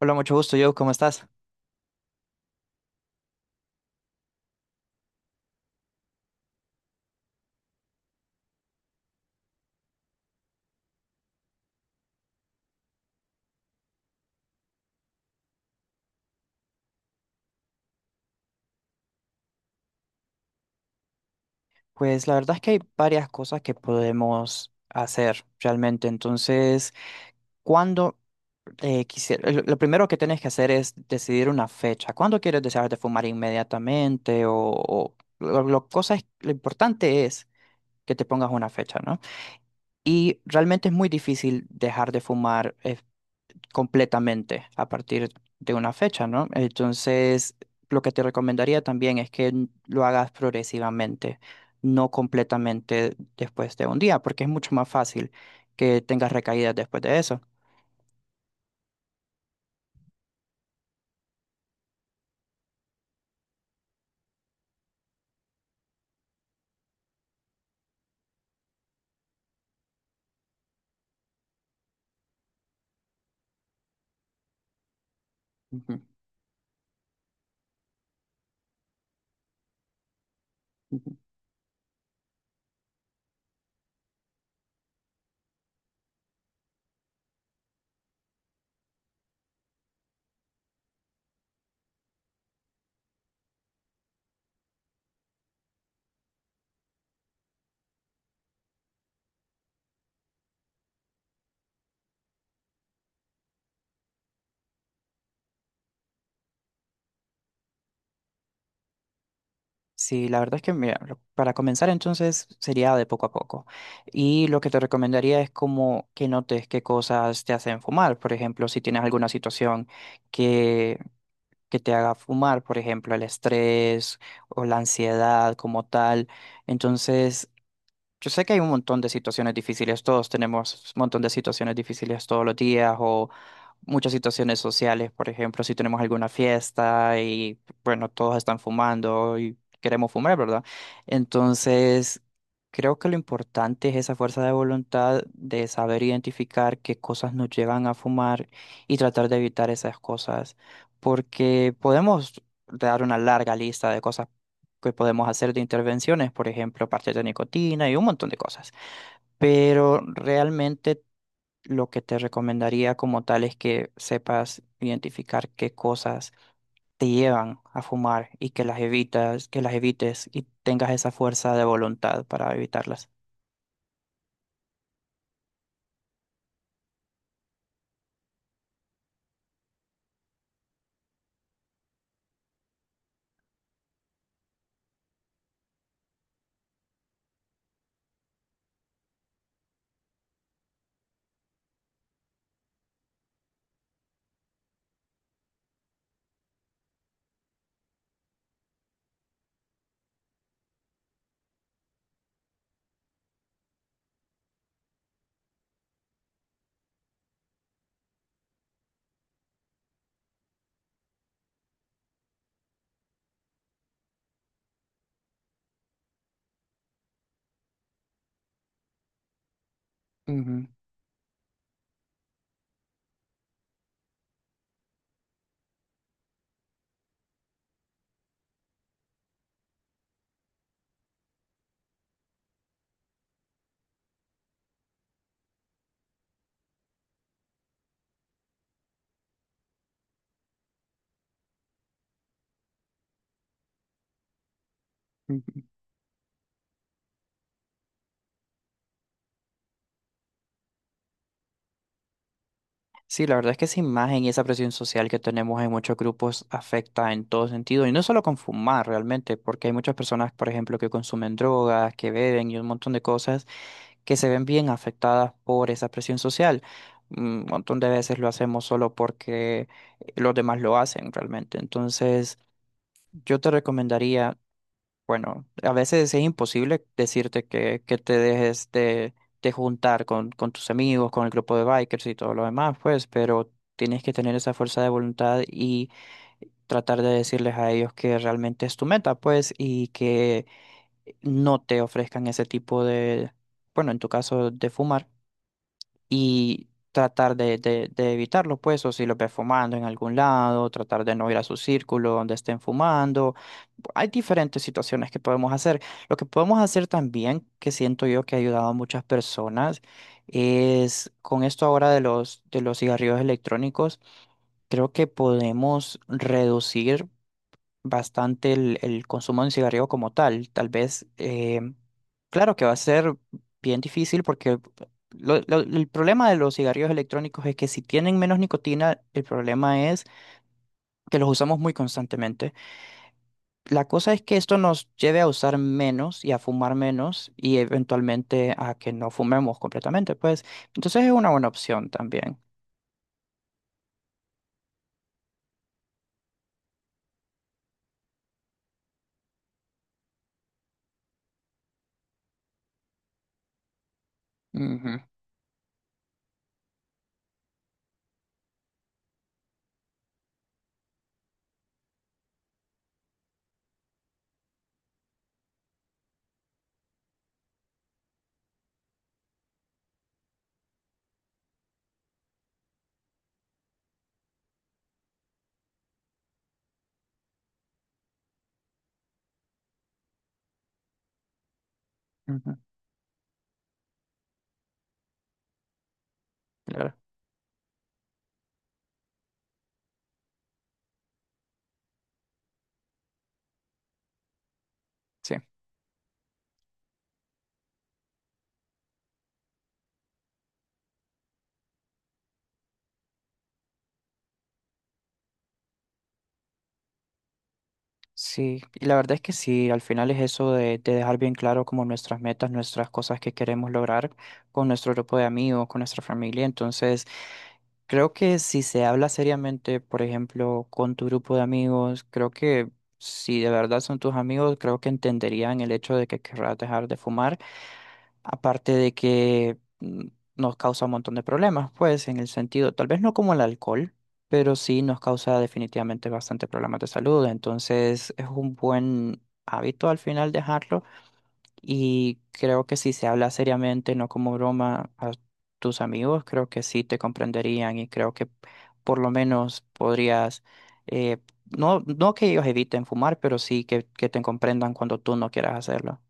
Hola, mucho gusto, Joe. ¿Cómo estás? Pues la verdad es que hay varias cosas que podemos hacer realmente. Entonces, cuando lo primero que tienes que hacer es decidir una fecha. ¿Cuándo quieres dejar de fumar inmediatamente? Lo importante es que te pongas una fecha, ¿no? Y realmente es muy difícil dejar de fumar, completamente a partir de una fecha, ¿no? Entonces, lo que te recomendaría también es que lo hagas progresivamente, no completamente después de un día, porque es mucho más fácil que tengas recaídas después de eso. Ujú, ujú. Sí, la verdad es que mira, para comenzar entonces sería de poco a poco. Y lo que te recomendaría es como que notes qué cosas te hacen fumar. Por ejemplo, si tienes alguna situación que te haga fumar, por ejemplo, el estrés o la ansiedad como tal. Entonces, yo sé que hay un montón de situaciones difíciles, todos tenemos un montón de situaciones difíciles todos los días o muchas situaciones sociales, por ejemplo, si tenemos alguna fiesta y bueno, todos están fumando y queremos fumar, ¿verdad? Entonces, creo que lo importante es esa fuerza de voluntad de saber identificar qué cosas nos llevan a fumar y tratar de evitar esas cosas, porque podemos dar una larga lista de cosas que podemos hacer de intervenciones, por ejemplo, parches de nicotina y un montón de cosas. Pero realmente lo que te recomendaría como tal es que sepas identificar qué cosas te llevan a fumar y que las evitas, que las evites y tengas esa fuerza de voluntad para evitarlas. Ujú, ujú. Sí, la verdad es que esa imagen y esa presión social que tenemos en muchos grupos afecta en todo sentido, y no solo con fumar realmente, porque hay muchas personas, por ejemplo, que consumen drogas, que beben y un montón de cosas que se ven bien afectadas por esa presión social. Un montón de veces lo hacemos solo porque los demás lo hacen realmente. Entonces, yo te recomendaría bueno, a veces es imposible decirte que te dejes de juntar con tus amigos, con el grupo de bikers y todo lo demás, pues, pero tienes que tener esa fuerza de voluntad y tratar de decirles a ellos que realmente es tu meta, pues, y que no te ofrezcan ese tipo de, bueno, en tu caso, de fumar y tratar de evitarlo, pues, o si los ve fumando en algún lado, tratar de no ir a su círculo donde estén fumando. Hay diferentes situaciones que podemos hacer. Lo que podemos hacer también, que siento yo que ha ayudado a muchas personas, es con esto ahora de de los cigarrillos electrónicos, creo que podemos reducir bastante el consumo de un cigarrillo como tal. Tal vez, claro que va a ser bien difícil porque el problema de los cigarrillos electrónicos es que si tienen menos nicotina, el problema es que los usamos muy constantemente. La cosa es que esto nos lleve a usar menos y a fumar menos y eventualmente a que no fumemos completamente, pues. Entonces es una buena opción también. Ujú, ujú, claro, sí. Sí, y la verdad es que sí, al final es eso de dejar bien claro como nuestras metas, nuestras cosas que queremos lograr con nuestro grupo de amigos, con nuestra familia. Entonces, creo que si se habla seriamente, por ejemplo, con tu grupo de amigos, creo que si de verdad son tus amigos, creo que entenderían el hecho de que querrás dejar de fumar. Aparte de que nos causa un montón de problemas, pues, en el sentido, tal vez no como el alcohol, pero sí nos causa definitivamente bastante problemas de salud. Entonces, es un buen hábito al final dejarlo. Y creo que si se habla seriamente, no como broma, a tus amigos, creo que sí te comprenderían y creo que por lo menos podrías, eh, no, no que ellos eviten fumar, pero sí que te comprendan cuando tú no quieras hacerlo.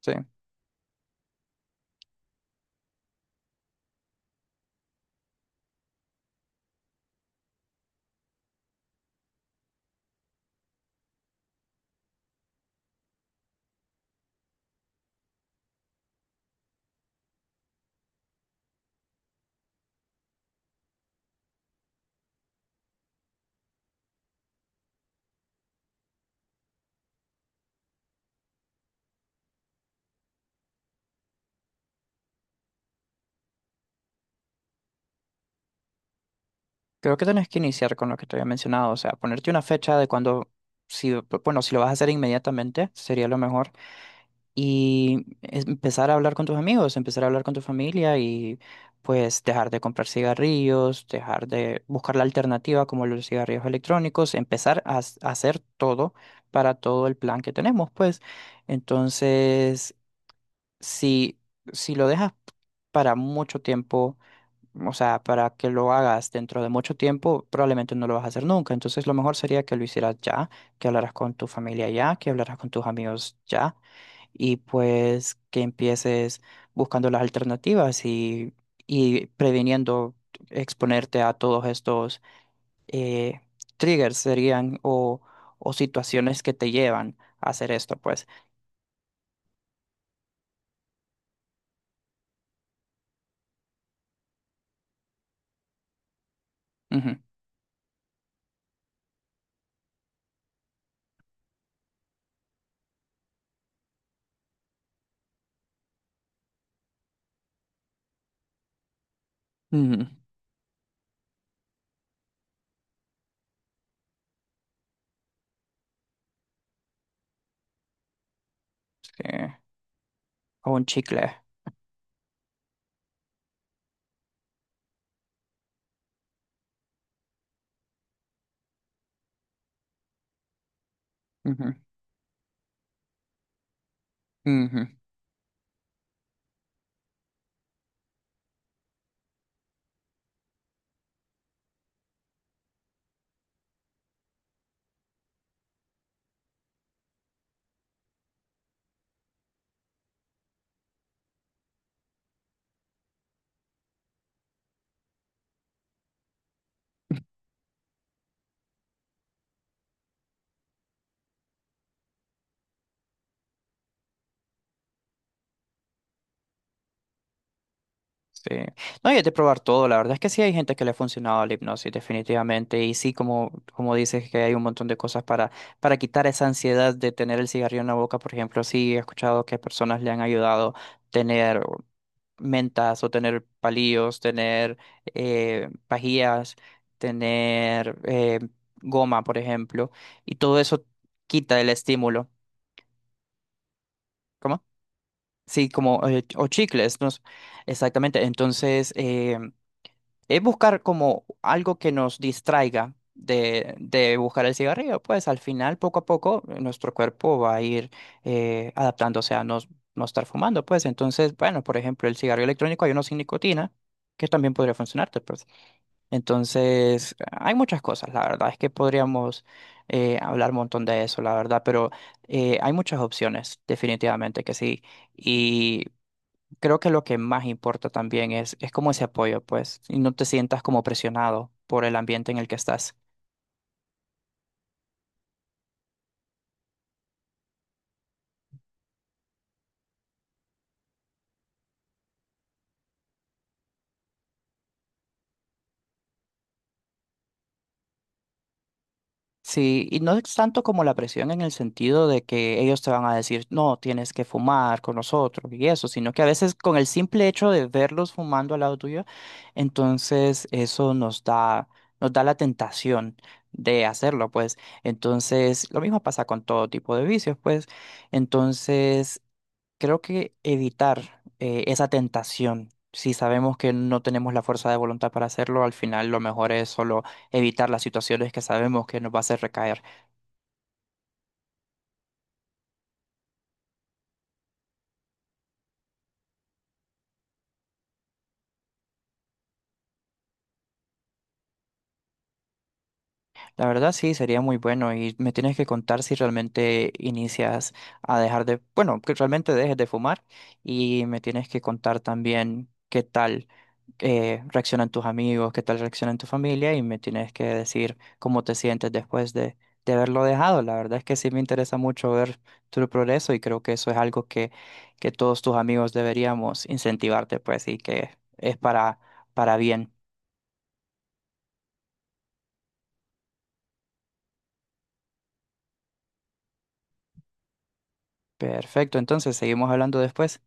Sí, creo que tenés que iniciar con lo que te había mencionado, o sea, ponerte una fecha de cuando, si, bueno, si lo vas a hacer inmediatamente, sería lo mejor, y empezar a hablar con tus amigos, empezar a hablar con tu familia y pues dejar de comprar cigarrillos, dejar de buscar la alternativa como los cigarrillos electrónicos, empezar a hacer todo para todo el plan que tenemos, pues. Entonces, si, si lo dejas para mucho tiempo. O sea, para que lo hagas dentro de mucho tiempo, probablemente no lo vas a hacer nunca. Entonces, lo mejor sería que lo hicieras ya, que hablaras con tu familia ya, que hablaras con tus amigos ya, y pues que empieces buscando las alternativas y previniendo exponerte a todos estos eh, triggers serían o situaciones que te llevan a hacer esto, pues. Ujú, ujú, sí, o un chicle. Ujú, ujú. Sí. No, y de probar todo. La verdad es que sí hay gente que le ha funcionado la hipnosis, definitivamente. Y sí, como, como dices, que hay un montón de cosas para quitar esa ansiedad de tener el cigarrillo en la boca. Por ejemplo, sí he escuchado que personas le han ayudado tener mentas o tener palillos, tener pajillas, tener goma, por ejemplo. Y todo eso quita el estímulo. ¿Cómo? Sí, como o chicles, no, sé. Exactamente. Entonces, es buscar como algo que nos distraiga de buscar el cigarrillo. Pues al final, poco a poco, nuestro cuerpo va a ir adaptándose a no, no estar fumando. Pues entonces, bueno, por ejemplo, el cigarrillo electrónico hay uno sin nicotina, que también podría funcionarte. Pues. Entonces, hay muchas cosas. La verdad es que podríamos hablar un montón de eso, la verdad, pero hay muchas opciones, definitivamente que sí. Y creo que lo que más importa también es como ese apoyo, pues, y no te sientas como presionado por el ambiente en el que estás. Sí, y no es tanto como la presión en el sentido de que ellos te van a decir, no, tienes que fumar con nosotros y eso, sino que a veces con el simple hecho de verlos fumando al lado tuyo, entonces eso nos da la tentación de hacerlo, pues. Entonces, lo mismo pasa con todo tipo de vicios, pues. Entonces, creo que evitar esa tentación, si sabemos que no tenemos la fuerza de voluntad para hacerlo, al final lo mejor es solo evitar las situaciones que sabemos que nos va a hacer recaer. La verdad sí, sería muy bueno y me tienes que contar si realmente inicias a dejar de, bueno, que realmente dejes de fumar y me tienes que contar también qué tal, reaccionan tus amigos, qué tal reaccionan tu familia y me tienes que decir cómo te sientes después de haberlo dejado. La verdad es que sí me interesa mucho ver tu progreso y creo que eso es algo que todos tus amigos deberíamos incentivarte, pues, y que es para bien. Perfecto, entonces seguimos hablando después.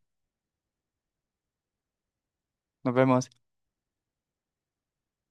Nos vemos.